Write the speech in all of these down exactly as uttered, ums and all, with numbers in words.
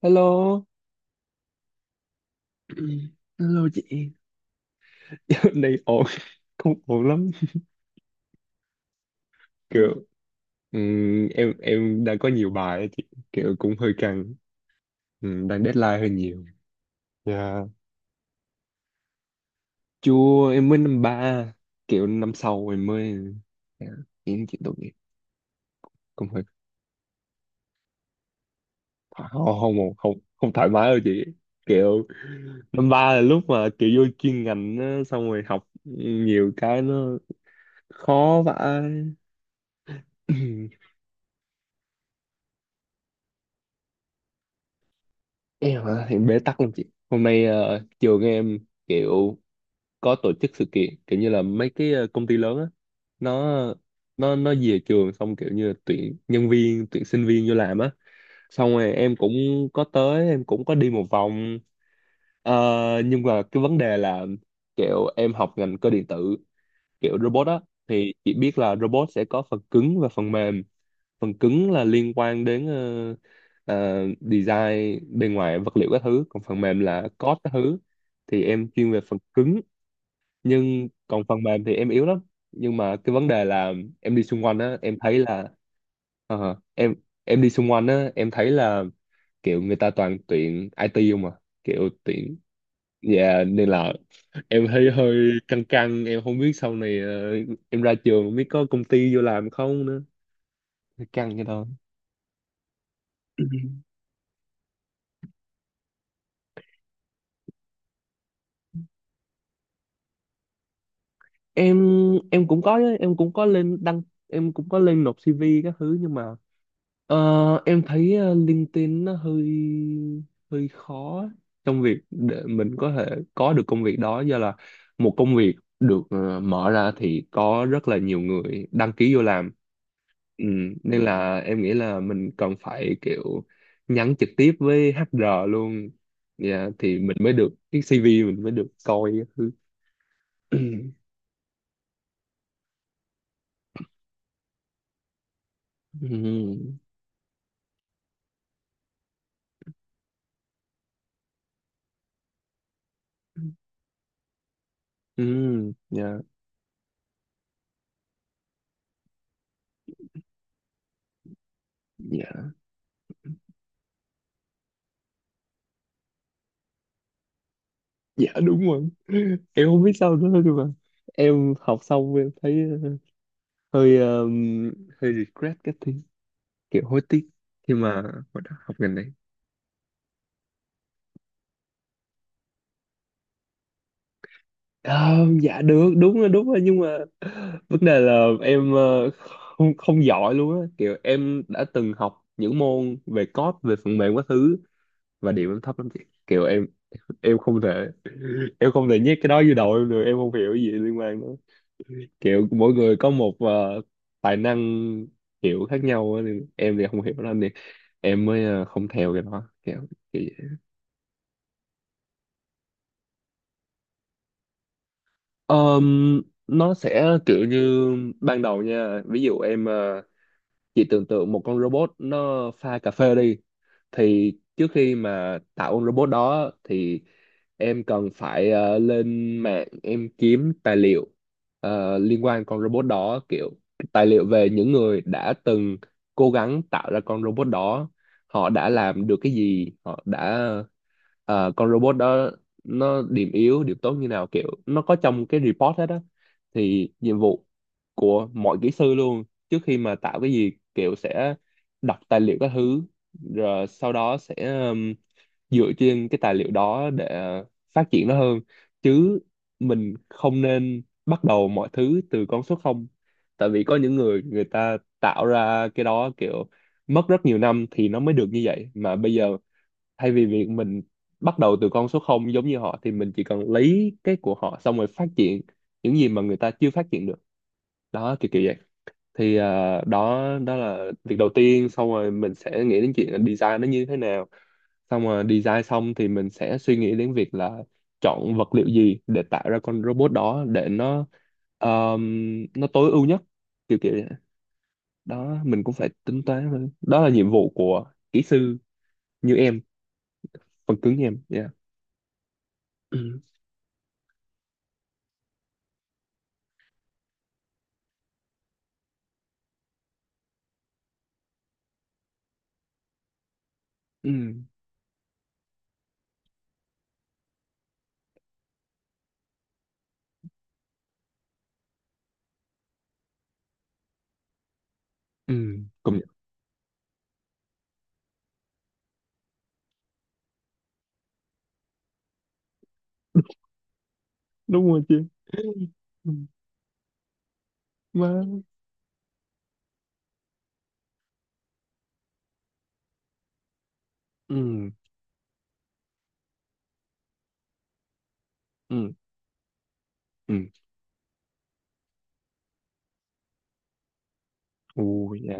Hello. Hello chị. Dạo này ổn, không ổn lắm. Kiểu ừm, em em đang có nhiều bài á chị, kiểu cũng hơi căng. Ừm, đang deadline hơi nhiều. Dạ, Chua em mới năm ba, kiểu năm sau em mới, dạ, em chị tốt nghiệp, cũng hơi thoải- không không không không thoải mái đâu chị. Kiểu năm ba là lúc mà kiểu vô chuyên ngành á, xong rồi học nhiều cái nó khó vãi. Em hả thì bế tắc lắm chị. Hôm nay ờ, trường em kiểu có tổ chức sự kiện kiểu như là mấy cái ờ, công ty lớn á, nó nó nó về trường xong kiểu như là tuyển nhân viên, tuyển sinh viên vô làm á, xong rồi em cũng có tới, em cũng có đi một vòng. Ờ, nhưng mà cái vấn đề là kiểu em học ngành cơ điện tử, kiểu robot á, thì chị biết là robot sẽ có phần cứng và phần mềm. Phần cứng là liên quan đến ờ, ờ, design bên ngoài vật liệu các thứ, còn phần mềm là code các thứ. Thì em chuyên về phần cứng, nhưng còn phần mềm thì em yếu lắm. Nhưng mà cái vấn đề là em đi xung quanh á, em thấy là ờ, em em đi xung quanh á, em thấy là kiểu người ta toàn tuyển i tê không à, kiểu tuyển, yeah, nên là em thấy hơi căng căng. Em không biết sau này ờ, em ra trường không biết có công ty vô làm không nữa, căng vậy thôi. em em cũng có, em cũng có lên đăng, em cũng có lên nộp xê vê các thứ, nhưng mà ờ, em thấy ờ, LinkedIn nó hơi hơi khó trong việc để mình có thể có được công việc đó, do là một công việc được ờ, mở ra thì có rất là nhiều người đăng ký vô làm. Ừ, nên là em nghĩ là mình cần phải kiểu nhắn trực tiếp với hát e rờ luôn. Dạ, thì mình mới được cái xê vê, mình mới được coi các thứ. Ừ. Ừ, dạ, dạ, dạ, đúng rồi. Em không biết sao nữa, nhưng mà em học xong em thấy hơi um, hơi regret cái thứ, kiểu hối tiếc khi mà hồi đó học ngành này. Ờ, dạ được, đúng rồi, đúng rồi, nhưng mà vấn đề là em ờ, không không giỏi luôn á, kiểu em đã từng học những môn về code, về phần mềm các thứ, và điểm em thấp lắm chị. Kiểu em em không thể em không thể nhét cái đó vô đầu em được, em không hiểu gì liên quan đó. Kiểu mỗi người có một ờ, tài năng kiểu khác nhau á, nên em thì không hiểu lắm, nên em mới ờ, không theo cái đó, kiểu kiểu vậy. Ờm, nó sẽ kiểu như ban đầu nha, ví dụ em ờ, chỉ tưởng tượng một con robot nó pha cà phê đi, thì trước khi mà tạo con robot đó thì em cần phải ờ, lên mạng em kiếm tài liệu ờ, liên quan con robot đó, kiểu tài liệu về những người đã từng cố gắng tạo ra con robot đó, họ đã làm được cái gì, họ đã ờ, con robot đó nó điểm yếu điểm tốt như nào, kiểu nó có trong cái report hết á. Thì nhiệm vụ của mọi kỹ sư luôn, trước khi mà tạo cái gì kiểu sẽ đọc tài liệu các thứ, rồi sau đó sẽ um, dựa trên cái tài liệu đó để phát triển nó hơn, chứ mình không nên bắt đầu mọi thứ từ con số không. Tại vì có những người, người ta tạo ra cái đó kiểu mất rất nhiều năm thì nó mới được như vậy, mà bây giờ thay vì việc mình bắt đầu từ con số không giống như họ, thì mình chỉ cần lấy cái của họ xong rồi phát triển những gì mà người ta chưa phát triển được đó, kiểu kiểu vậy. Thì à, đó, đó là việc đầu tiên, xong rồi mình sẽ nghĩ đến chuyện là design nó như thế nào, xong rồi design xong thì mình sẽ suy nghĩ đến việc là chọn vật liệu gì để tạo ra con robot đó để nó um, nó tối ưu nhất, kiểu kiểu vậy. Đó, mình cũng phải tính toán thôi. Đó là nhiệm vụ của kỹ sư như em, phần cứng như em, yeah. Ừ, ừ, ừ, công nhận đúng rồi chứ. Ừ, má. Ừ, ừ, ừ. Ồ, dạ.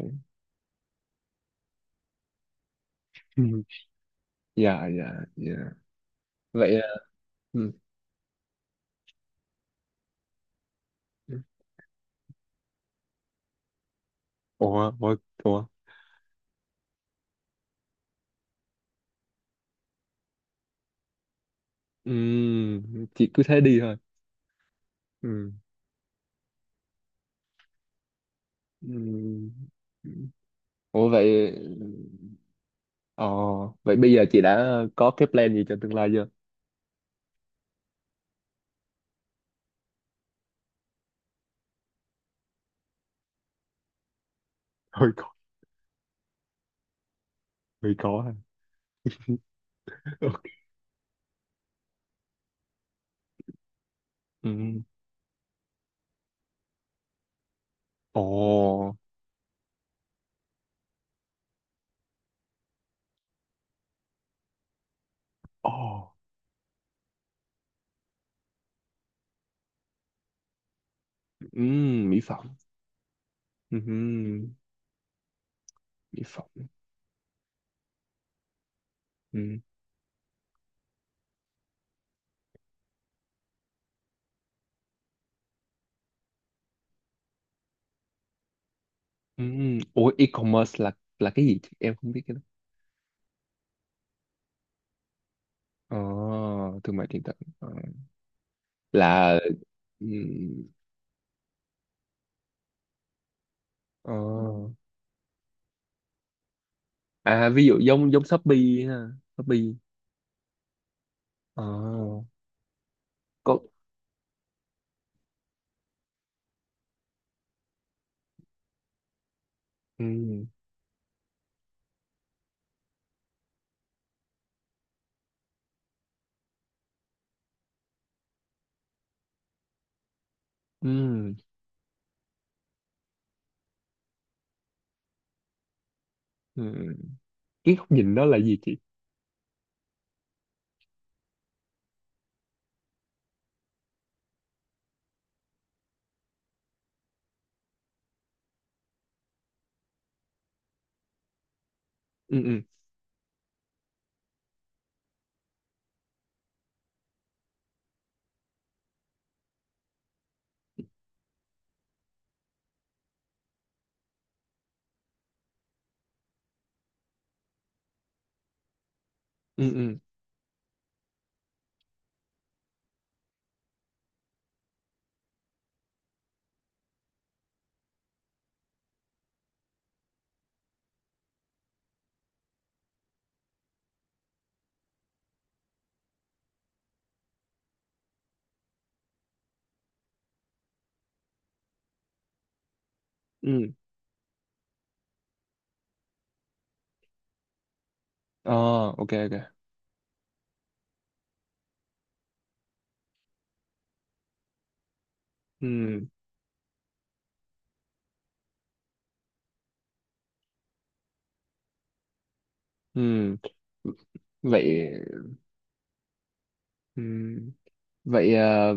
Ừ, dạ, dạ, dạ. Vậy à, ừ. Ủa, ủa, ủa. Ừ, chị cứ thế đi thôi. Ừ. Ừm. Ủa vậy ờ, vậy bây giờ chị đã có cái plan gì cho tương lai chưa? Hơi có, hơi có ha. Ok. Ừ. Ồ. Ồ. Ừ, mỹ phẩm. Ừ, mỹ phẩm. Ừ. Ừ. Ủa, e-commerce là là cái gì chị? Em không biết cái đó. Ờ, thương mại điện tử. Ờ, là ừ, ờ. À, ví dụ giống giống Shopee ha, Shopee. Ờ, có ừ. Ừ. Ừ. Cái góc nhìn đó là gì chị? Ừ, ừ, ừ, ừ, ừ, ờ, ok, ok, ừ, ừ, vậy, ừ. Vậy à,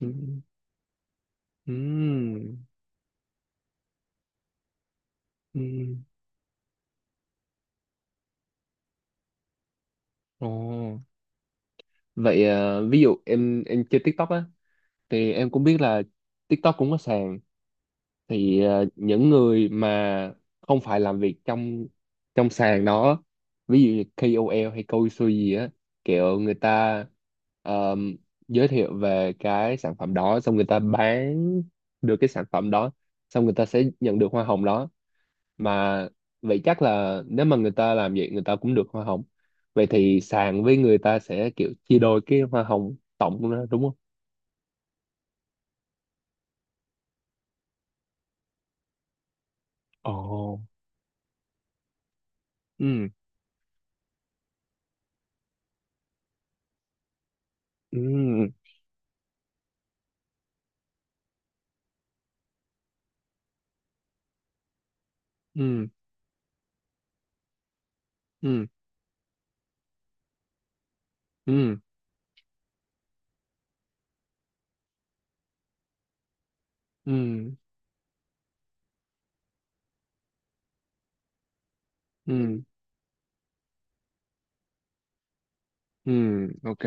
ừ, ừ, ừ, ồ. Vậy à, ví dụ em em chơi TikTok á, thì em cũng biết là TikTok cũng có sàn. Thì ờ, những người mà không phải làm việc trong trong sàn đó, ví dụ như ca ô lờ hay câu xuôi gì á, kiểu người ta ờm, giới thiệu về cái sản phẩm đó, xong người ta bán được cái sản phẩm đó, xong người ta sẽ nhận được hoa hồng đó mà. Vậy chắc là nếu mà người ta làm vậy người ta cũng được hoa hồng, vậy thì sàn với người ta sẽ kiểu chia đôi cái hoa hồng tổng đó đúng không? Ồ. Ừ, ừ, ừ, ừ, ừ, ừ, ừ, ừ, ok,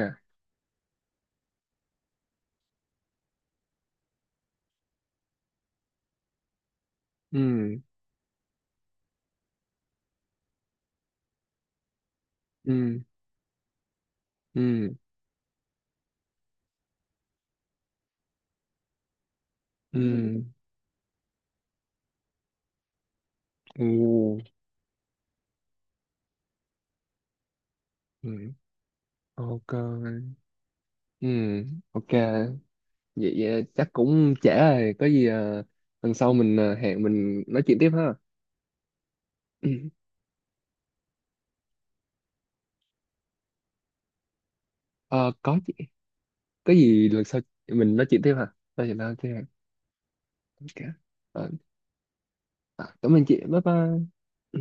ừ, ừ, ừ, ừ, ừ, ừ, ok, ừ, ok. Vậy, vậy chắc cũng trễ rồi, có gì à, lần sau mình à, hẹn mình nói chuyện tiếp ha. Ừ. Ờ, có gì, có gì lần sau mình nói chuyện tiếp hả? Nói chuyện sau tiếp ha. Ok. Ờ, à, cảm ơn chị, bye bye. Ừ.